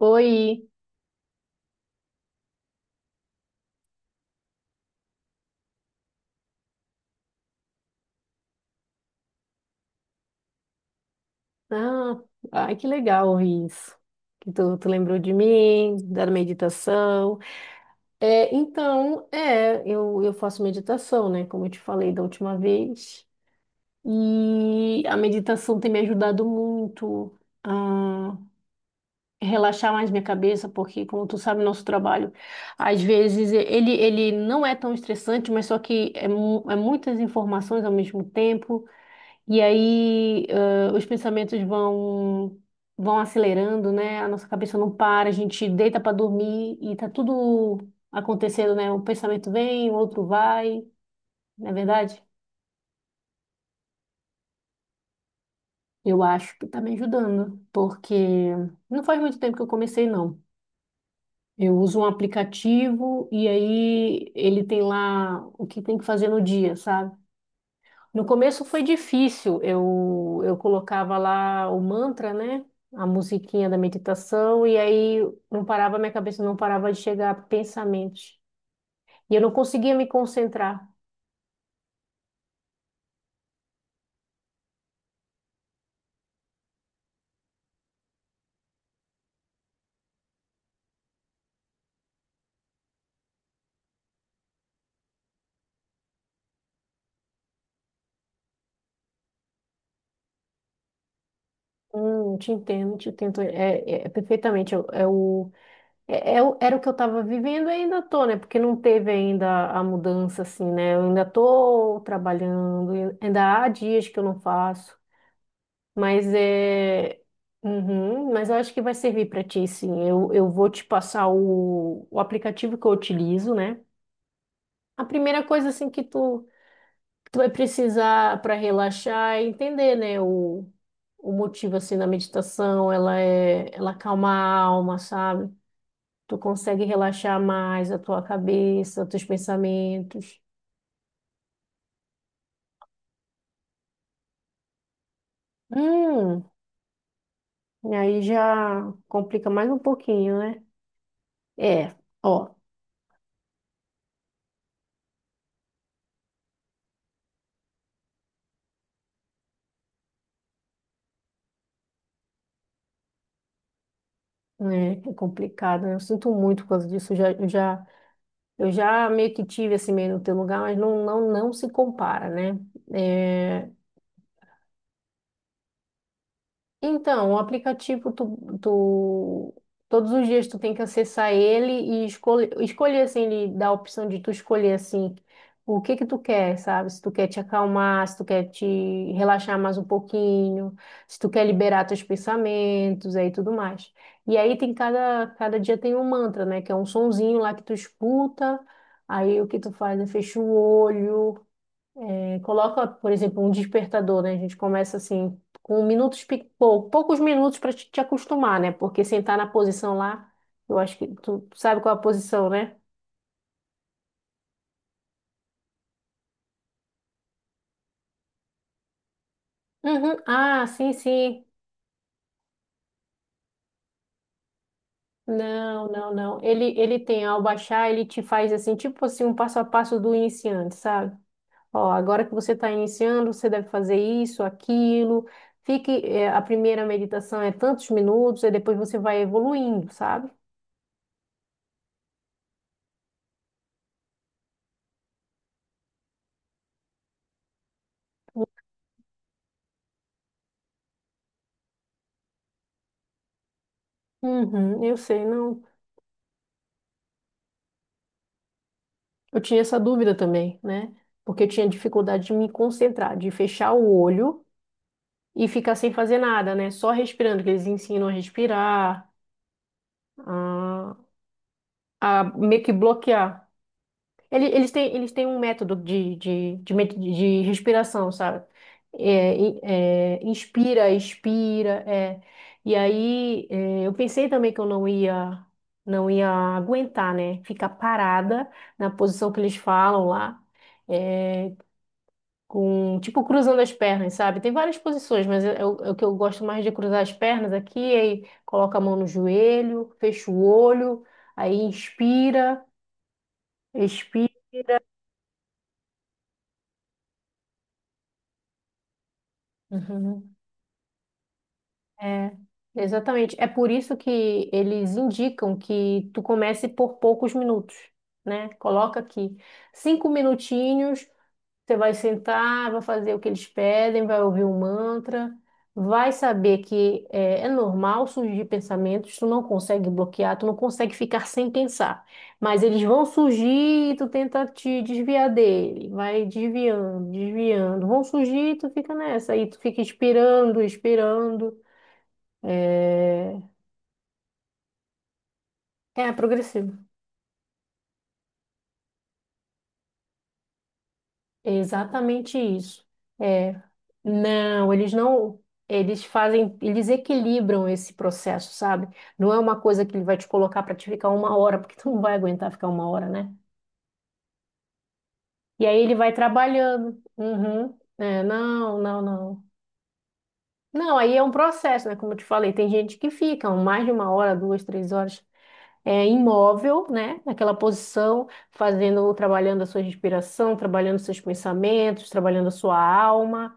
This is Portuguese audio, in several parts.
Oi! Ah, Ai, que legal isso. Que tu lembrou de mim, da meditação. Eu faço meditação, né? Como eu te falei da última vez. E a meditação tem me ajudado muito a relaxar mais minha cabeça, porque, como tu sabe, nosso trabalho, às vezes, ele não é tão estressante, mas só que é, mu- é muitas informações ao mesmo tempo. E aí, os pensamentos vão acelerando, né? A nossa cabeça não para, a gente deita para dormir e tá tudo acontecendo, né? Um pensamento vem, o outro vai, não é verdade? Eu acho que tá me ajudando, porque não faz muito tempo que eu comecei, não. Eu uso um aplicativo e aí ele tem lá o que tem que fazer no dia, sabe? No começo foi difícil, eu colocava lá o mantra, né? A musiquinha da meditação, e aí não parava, minha cabeça não parava de chegar pensamentos. E eu não conseguia me concentrar. Te entendo, é perfeitamente. Era o que eu estava vivendo e ainda tô, né? Porque não teve ainda a mudança, assim, né? Eu ainda tô trabalhando, ainda há dias que eu não faço. Mas é. Uhum, mas eu acho que vai servir para ti, sim. Eu vou te passar o aplicativo que eu utilizo, né? A primeira coisa, assim, que tu vai precisar para relaxar é entender, né? O motivo, assim, da meditação. Ela acalma a alma, sabe? Tu consegue relaxar mais a tua cabeça, teus pensamentos. Hum, e aí já complica mais um pouquinho, né? É, ó. É, é complicado, né? Eu sinto muito por causa disso. Eu já meio que tive assim meio no teu lugar, mas não se compara, né? É, então, o aplicativo, todos os dias tu tem que acessar ele e escolher assim, ele dá a opção de tu escolher, assim, o que que tu quer, sabe? Se tu quer te acalmar, se tu quer te relaxar mais um pouquinho, se tu quer liberar teus pensamentos, aí tudo mais. E aí tem cada dia tem um mantra, né? Que é um sonzinho lá que tu escuta, aí o que tu faz é fecha o olho, coloca, por exemplo, um despertador, né? A gente começa assim com minutos, poucos minutos para te acostumar, né? Porque sentar na posição lá, eu acho que tu sabe qual é a posição, né? Uhum. Ah, sim, sim. Não. Ele tem, ao baixar, ele te faz assim, tipo assim, um passo a passo do iniciante, sabe? Ó, agora que você está iniciando, você deve fazer isso, aquilo. Fique, a primeira meditação é tantos minutos, e depois você vai evoluindo, sabe? Uhum, eu sei, não. Eu tinha essa dúvida também, né? Porque eu tinha dificuldade de me concentrar, de fechar o olho e ficar sem fazer nada, né? Só respirando, que eles ensinam a respirar, a, a meio que bloquear. Eles têm um método de respiração, sabe? É, inspira, expira, é. E aí, é, eu pensei também que eu não ia, não ia aguentar, né? Ficar parada na posição que eles falam lá. É, com tipo cruzando as pernas, sabe? Tem várias posições, mas é o que eu gosto mais, de cruzar as pernas aqui, aí coloca a mão no joelho, fecha o olho, aí inspira, expira. Uhum. É, exatamente. É por isso que eles indicam que tu comece por poucos minutos, né? Coloca aqui cinco minutinhos. Você vai sentar, vai fazer o que eles pedem, vai ouvir o mantra, vai saber que é normal surgir pensamentos, tu não consegue bloquear, tu não consegue ficar sem pensar, mas eles vão surgir e tu tenta te desviar dele, vai desviando, desviando, vão surgir e tu fica nessa, aí tu fica esperando, esperando, é, é progressivo. É, exatamente isso. É, não, eles não, eles fazem, eles equilibram esse processo, sabe? Não é uma coisa que ele vai te colocar para te ficar uma hora, porque tu não vai aguentar ficar uma hora, né? E aí ele vai trabalhando. Uhum. É, não. Não, aí é um processo, né? Como eu te falei, tem gente que fica mais de uma hora, duas, três horas. É, imóvel, né? Naquela posição, fazendo, trabalhando a sua respiração, trabalhando seus pensamentos, trabalhando a sua alma.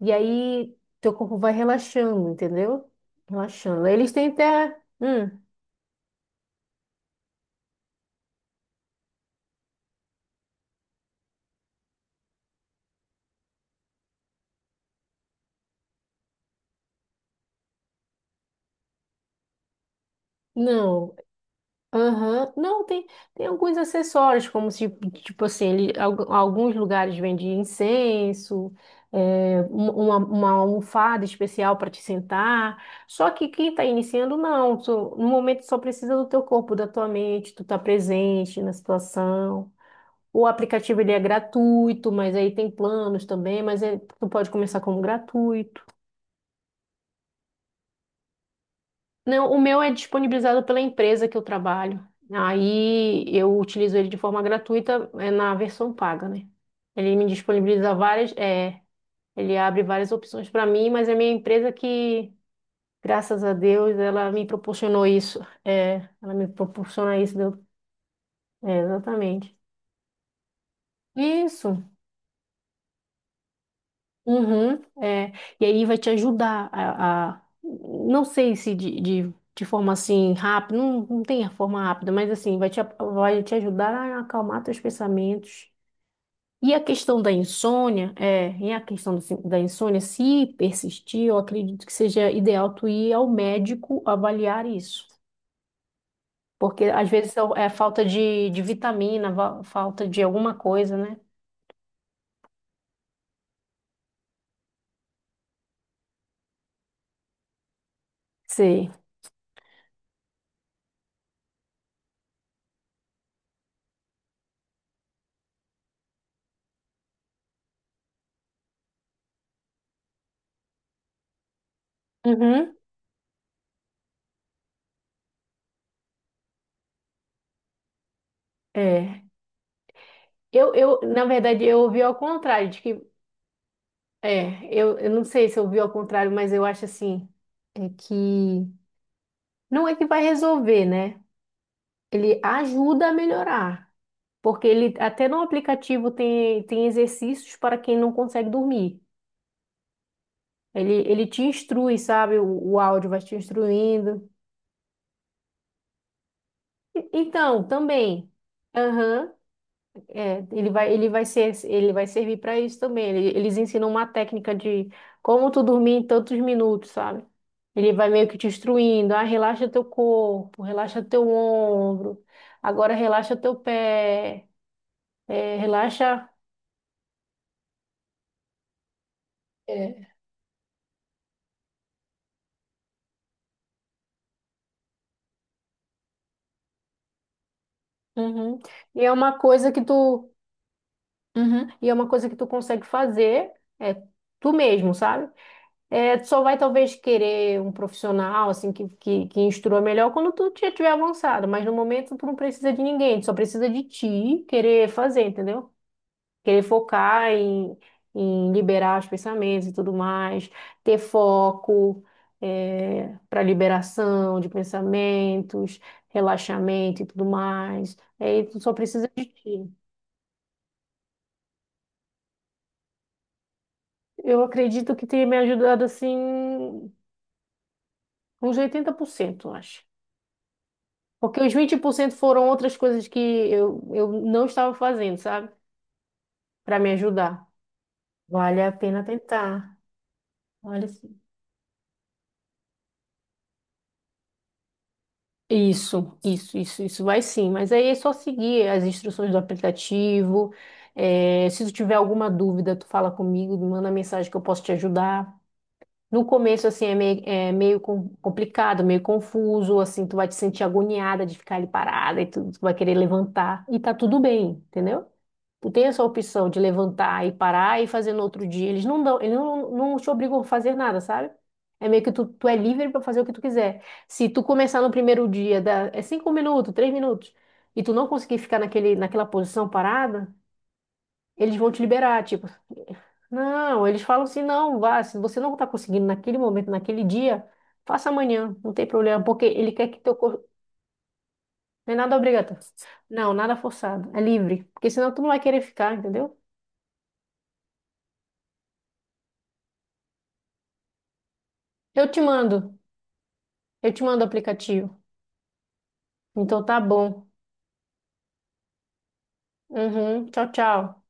E aí, teu corpo vai relaxando, entendeu? Relaxando. Eles têm até. Não. Aham. Não, tem, tem alguns acessórios, como se, tipo assim, alguns lugares vendem incenso, é, uma almofada especial para te sentar. Só que quem está iniciando, não. No momento só precisa do teu corpo, da tua mente, tu tá presente na situação. O aplicativo ele é gratuito, mas aí tem planos também, mas tu pode começar como gratuito. Não, o meu é disponibilizado pela empresa que eu trabalho. Aí eu utilizo ele de forma gratuita, é na versão paga, né? Ele me disponibiliza várias, é, ele abre várias opções para mim, mas é minha empresa que, graças a Deus, ela me proporcionou isso. É, ela me proporciona isso, é, exatamente. Isso. Uhum, é. E aí vai te ajudar a não sei se de forma assim rápida, não, não tem a forma rápida, mas assim, vai te ajudar a acalmar teus pensamentos. E a questão da insônia, é, e a questão da insônia, se persistir, eu acredito que seja ideal tu ir ao médico avaliar isso. Porque às vezes é é falta de vitamina, falta de alguma coisa, né? Sei. Uhum. É. Na verdade, eu ouvi ao contrário, de que... É, eu não sei se eu vi ao contrário, mas eu acho assim, é que não é que vai resolver, né? Ele ajuda a melhorar, porque ele até no aplicativo tem, tem exercícios para quem não consegue dormir. Ele te instrui, sabe? O áudio vai te instruindo. Então, também. Aham. É, ele vai servir para isso também. Eles ensinam uma técnica de como tu dormir em tantos minutos, sabe? Ele vai meio que te instruindo, ah, relaxa teu corpo, relaxa teu ombro, agora relaxa teu pé, é, relaxa. É. Uhum. E é uma coisa que tu, uhum, e é uma coisa que tu consegue fazer, é tu mesmo, sabe? É, tu só vai talvez querer um profissional assim que instrua melhor quando tu já tiver avançado, mas no momento tu não precisa de ninguém, tu só precisa de ti querer fazer, entendeu? Querer focar em, em liberar os pensamentos e tudo mais, ter foco para liberação de pensamentos, relaxamento e tudo mais. Aí tu só precisa de ti. Eu acredito que tenha me ajudado assim uns 80%, eu acho. Porque os 20% foram outras coisas que eu não estava fazendo, sabe? Para me ajudar. Vale a pena tentar. Olha, isso vai, sim. Mas aí é só seguir as instruções do aplicativo. É, se tu tiver alguma dúvida, tu fala comigo, me manda mensagem que eu posso te ajudar. No começo, assim, é meio complicado, meio confuso, assim, tu vai te sentir agoniada de ficar ali parada e tu vai querer levantar. E tá tudo bem, entendeu? Tu tem essa opção de levantar e parar e fazer no outro dia. Eles não dão, eles não, não te obrigam a fazer nada, sabe? É meio que tu é livre para fazer o que tu quiser. Se tu começar no primeiro dia, dá, é 5 minutos, 3 minutos, e tu não conseguir ficar naquela posição parada, eles vão te liberar, tipo. Não, eles falam assim, não, vá, se você não tá conseguindo naquele momento, naquele dia, faça amanhã, não tem problema, porque ele quer que teu corpo... Não é nada obrigatório. Não, nada forçado, é livre, porque senão tu não vai querer ficar, entendeu? Eu te mando. Eu te mando o aplicativo. Então tá bom. Uhum. Tchau, tchau.